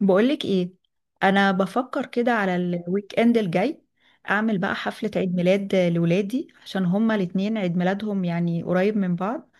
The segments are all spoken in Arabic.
بقولك ايه؟ انا بفكر كده على الويك اند الجاي اعمل بقى حفلة عيد ميلاد لولادي، عشان هما الاتنين عيد ميلادهم يعني قريب من بعض.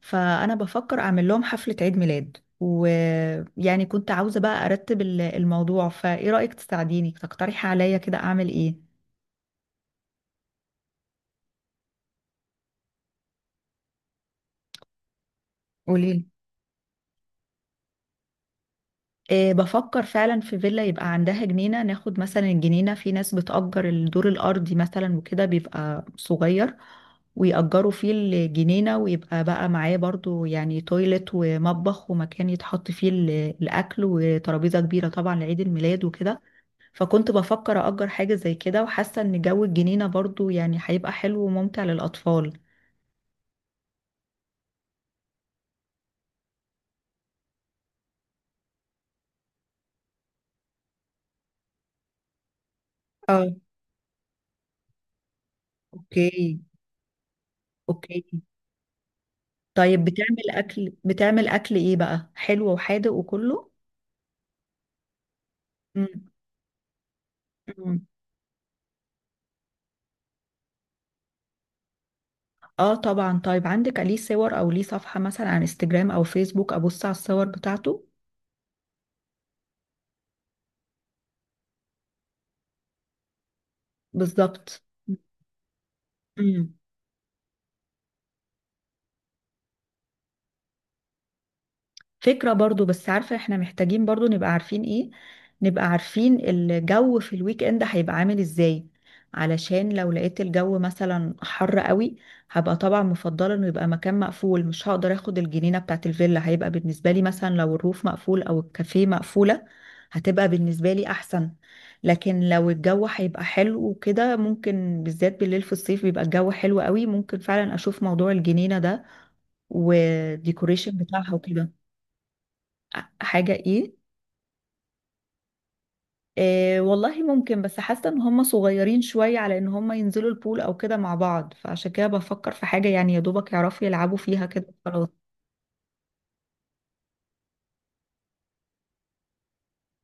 فانا بفكر اعمل لهم حفلة عيد ميلاد، ويعني كنت عاوزة بقى ارتب الموضوع. فايه رأيك تساعديني تقترحي عليا كده اعمل ايه؟ قوليلي. إيه، بفكر فعلا في فيلا يبقى عندها جنينة، ناخد مثلا الجنينة. في ناس بتأجر الدور الأرضي مثلا وكده بيبقى صغير، ويأجروا فيه الجنينة، ويبقى بقى معاه برضو يعني تويلت ومطبخ ومكان يتحط فيه الأكل وترابيزة كبيرة طبعا لعيد الميلاد وكده. فكنت بفكر أجر حاجة زي كده، وحاسة إن جو الجنينة برضو يعني هيبقى حلو وممتع للأطفال. اه. اوكي. اوكي. طيب، بتعمل أكل، بتعمل أكل إيه بقى، حلو وحادق وكله؟ مم. مم. اه طبعا. طيب، عندك ليه صور او ليه صفحة مثلا على انستجرام او فيسبوك ابص على الصور بتاعته؟ بالظبط. مم. فكرة برضو، بس عارفة احنا محتاجين برضو نبقى عارفين ايه، نبقى عارفين الجو في الويك اند هيبقى عامل ازاي. علشان لو لقيت الجو مثلا حر قوي، هبقى طبعا مفضلة انه يبقى مكان مقفول، مش هقدر اخد الجنينة بتاعت الفيلا. هيبقى بالنسبة لي مثلا لو الروف مقفول او الكافيه مقفولة هتبقى بالنسبة لي احسن. لكن لو الجو هيبقى حلو وكده، ممكن بالذات بالليل في الصيف بيبقى الجو حلو قوي، ممكن فعلا اشوف موضوع الجنينة ده والديكوريشن بتاعها وكده. حاجة ايه؟ آه والله ممكن، بس حاسة ان هم صغيرين شوية على ان هم ينزلوا البول او كده مع بعض، فعشان كده بفكر في حاجة يعني يا دوبك يعرفوا يلعبوا فيها كده خلاص.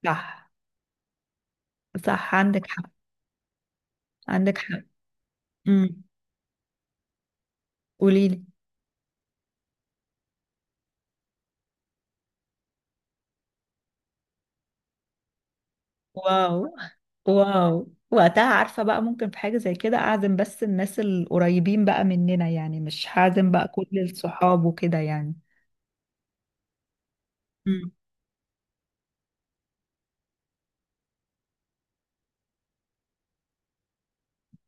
صح. صح، عندك حق، عندك حق. امم. قوليلي. واو. واو، وقتها عارفة بقى ممكن في حاجة زي كده اعزم بس الناس القريبين بقى مننا، يعني مش هعزم بقى كل الصحاب وكده يعني.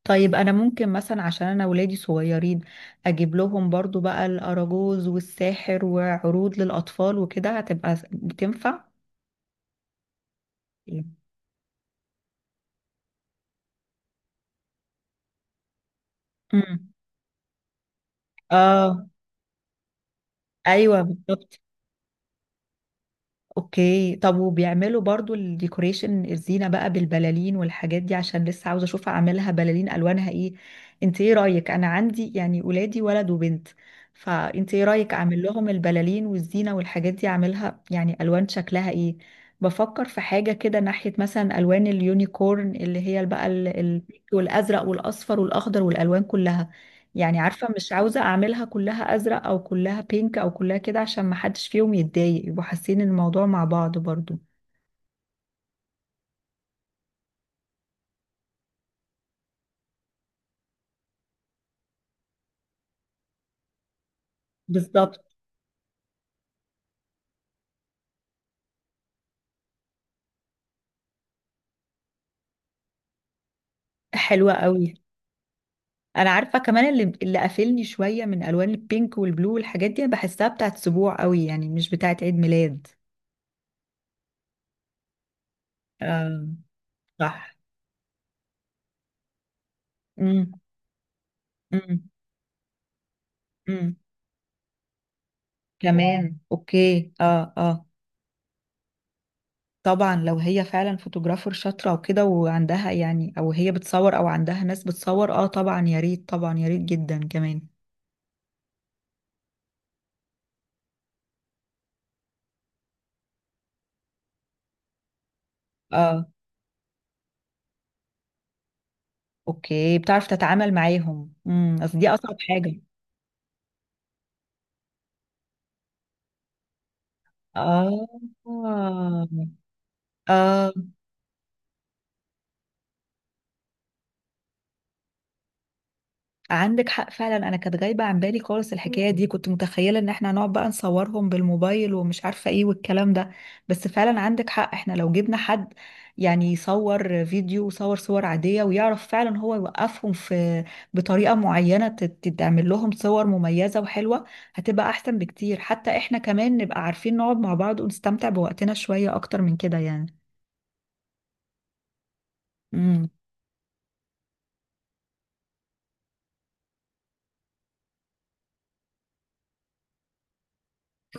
طيب، انا ممكن مثلا، عشان انا ولادي صغيرين، اجيب لهم برضو بقى الاراجوز والساحر وعروض للأطفال، وكده هتبقى بتنفع. مم. اه. ايوه بالظبط. اوكي. طب وبيعملوا برضو الديكوريشن، الزينة بقى بالبلالين والحاجات دي، عشان لسه عاوزة اشوف اعملها بلالين الوانها ايه. انت ايه رأيك؟ انا عندي يعني ولادي ولد وبنت، فانت ايه رأيك اعمل لهم البلالين والزينة والحاجات دي، اعملها يعني الوان شكلها ايه؟ بفكر في حاجة كده ناحية مثلا الوان اليونيكورن، اللي هي بقى والازرق والاصفر والاخضر والالوان كلها. يعني عارفة مش عاوزة أعملها كلها أزرق أو كلها بينك أو كلها كده، عشان ما حدش فيهم يتضايق، يبقوا حاسين الموضوع مع بعض برضو. بالظبط. حلوة قوي. أنا عارفة كمان اللي قافلني شوية من ألوان البينك والبلو والحاجات دي، أنا بحسها بتاعت سبوع قوي، يعني مش بتاعت عيد ميلاد. آه. صح. امم. امم. امم، كمان أوكي، آه، آه. طبعا لو هي فعلا فوتوغرافر شاطرة وكده، وعندها يعني، او هي بتصور او عندها ناس بتصور، اه طبعا يا ريت، طبعا يا ريت جدا كمان. اه. اوكي، بتعرف تتعامل معاهم، اصل دي اصعب حاجة. اه. اه، عندك حق فعلا، انا كانت غايبه عن بالي خالص الحكايه دي، كنت متخيله ان احنا هنقعد بقى نصورهم بالموبايل ومش عارفه ايه والكلام ده. بس فعلا عندك حق، احنا لو جبنا حد يعني يصور فيديو وصور، صور عاديه، ويعرف فعلا هو يوقفهم في بطريقه معينه، تتعمل لهم صور مميزه وحلوه. هتبقى احسن بكتير، حتى احنا كمان نبقى عارفين نقعد مع بعض ونستمتع بوقتنا شويه اكتر من كده يعني.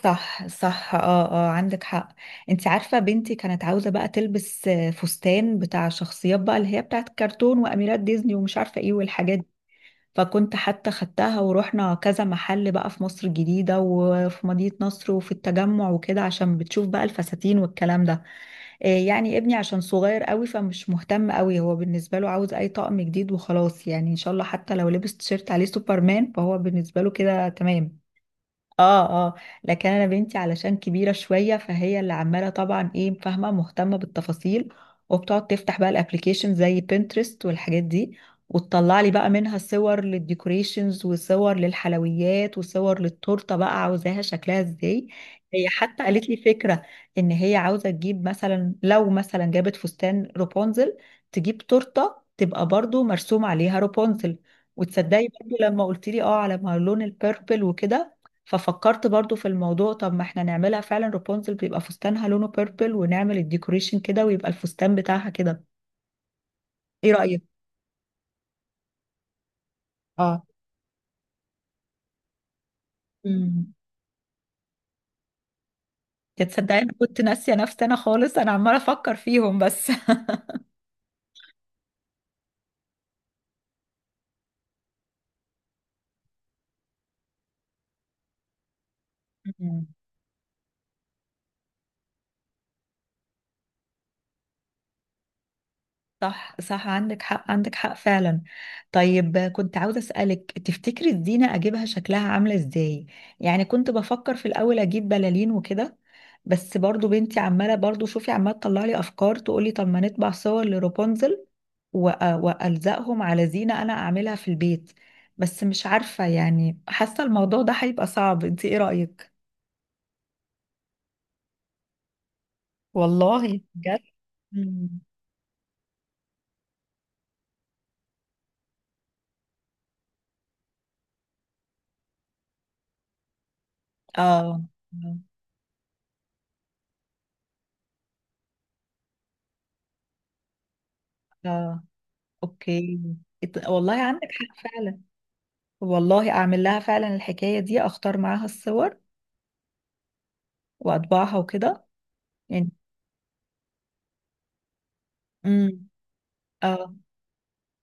صح. صح. اه. اه، عندك حق. انت عارفة بنتي كانت عاوزة بقى تلبس فستان بتاع شخصيات بقى، اللي هي بتاعت كرتون واميرات ديزني ومش عارفة ايه والحاجات دي. فكنت حتى خدتها ورحنا كذا محل بقى في مصر الجديدة وفي مدينة نصر وفي التجمع وكده، عشان بتشوف بقى الفساتين والكلام ده. يعني ابني عشان صغير قوي فمش مهتم قوي، هو بالنسبة له عاوز اي طقم جديد وخلاص، يعني ان شاء الله حتى لو لبس تيشيرت عليه سوبرمان فهو بالنسبة له كده تمام. اه. اه. لكن انا بنتي علشان كبيره شويه فهي اللي عماله طبعا ايه، فاهمه، مهتمه بالتفاصيل، وبتقعد تفتح بقى الابليكيشن زي بنترست والحاجات دي، وتطلع لي بقى منها صور للديكوريشنز وصور للحلويات وصور للتورته بقى عاوزاها شكلها ازاي. هي حتى قالت لي فكره، ان هي عاوزه تجيب مثلا، لو مثلا جابت فستان رابونزل تجيب تورته تبقى برضو مرسوم عليها رابونزل. وتصدقي برضو لما قلت لي اه على ما لون البيربل وكده، ففكرت برضو في الموضوع، طب ما احنا نعملها فعلا رابونزل، بيبقى فستانها لونه بيربل ونعمل الديكوريشن كده ويبقى الفستان بتاعها كده. ايه رأيك؟ اه. امم. يا تصدقي انا كنت ناسيه نفسي انا خالص، انا عماله افكر فيهم بس. مم. صح. صح، عندك حق، عندك حق فعلا. طيب، كنت عاوزة أسألك، تفتكري الزينة أجيبها شكلها عاملة إزاي؟ يعني كنت بفكر في الأول أجيب بلالين وكده، بس برضو بنتي عمالة برضو، شوفي، عمالة تطلع لي أفكار، تقولي طب ما نطبع صور لروبونزل وألزقهم على زينة أنا أعملها في البيت. بس مش عارفة يعني، حاسة الموضوع ده هيبقى صعب، انت ايه رأيك؟ والله بجد؟ مم. اه. اه. اوكي. والله عندك حق فعلا. والله اعمل لها فعلا الحكاية دي، اختار معاها الصور واطبعها وكده يعني. امم اه.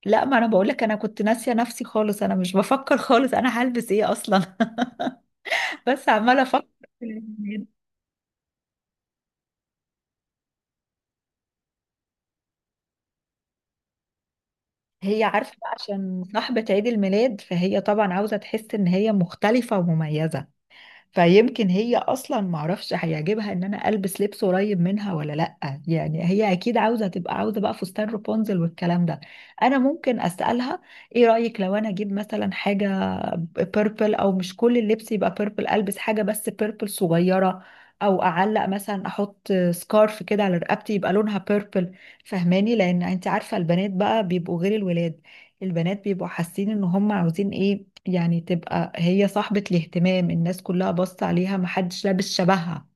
لا، ما انا بقول لك، انا كنت ناسية نفسي خالص، انا مش بفكر خالص انا هلبس ايه اصلا. بس عمالة افكر. هي عارفة بقى عشان صاحبة عيد الميلاد فهي طبعا عاوزة تحس ان هي مختلفة ومميزة، فيمكن هي اصلا معرفش هيعجبها ان انا البس لبس قريب منها ولا لأ، يعني هي اكيد عاوزة بقى فستان رابونزل والكلام ده. انا ممكن اسألها. ايه رأيك لو انا اجيب مثلا حاجة بيربل، او مش كل اللبس يبقى بيربل، البس حاجة بس بيربل صغيرة، او اعلق مثلا احط سكارف كده على رقبتي يبقى لونها بيربل. فهماني؟ لان انت عارفة البنات بقى بيبقوا غير الولاد، البنات بيبقوا حاسين ان هم عاوزين ايه، يعني تبقى هي صاحبة الاهتمام، الناس كلها باصة عليها محدش لابس شبهها.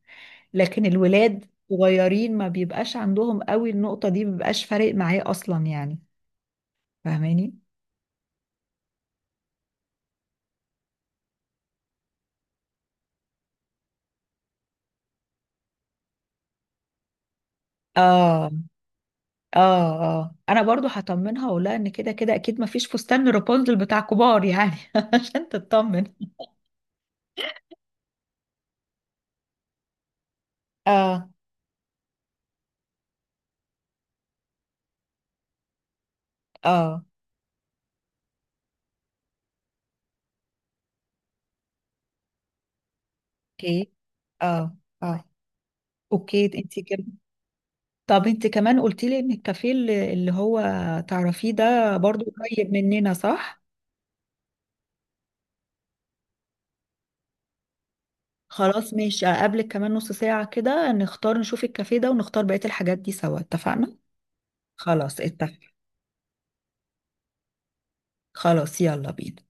لكن الولاد صغيرين ما بيبقاش عندهم قوي النقطة دي، مبيبقاش فارق معاه اصلا يعني. فاهماني؟ اه. اه. اه، انا برضو هطمنها واقولها ان كده كده اكيد ما فيش فستان رابنزل بتاع كبار يعني، عشان تطمن. اه. اه. اوكي. اه. اه. اوكي، انت كده. طب انت كمان قلت لي ان الكافيه اللي هو تعرفيه ده برضو قريب مننا صح؟ خلاص ماشي، اقابلك كمان نص ساعة كده، نختار نشوف الكافيه ده ونختار بقية الحاجات دي سوا، اتفقنا؟ خلاص اتفق. خلاص يلا بينا.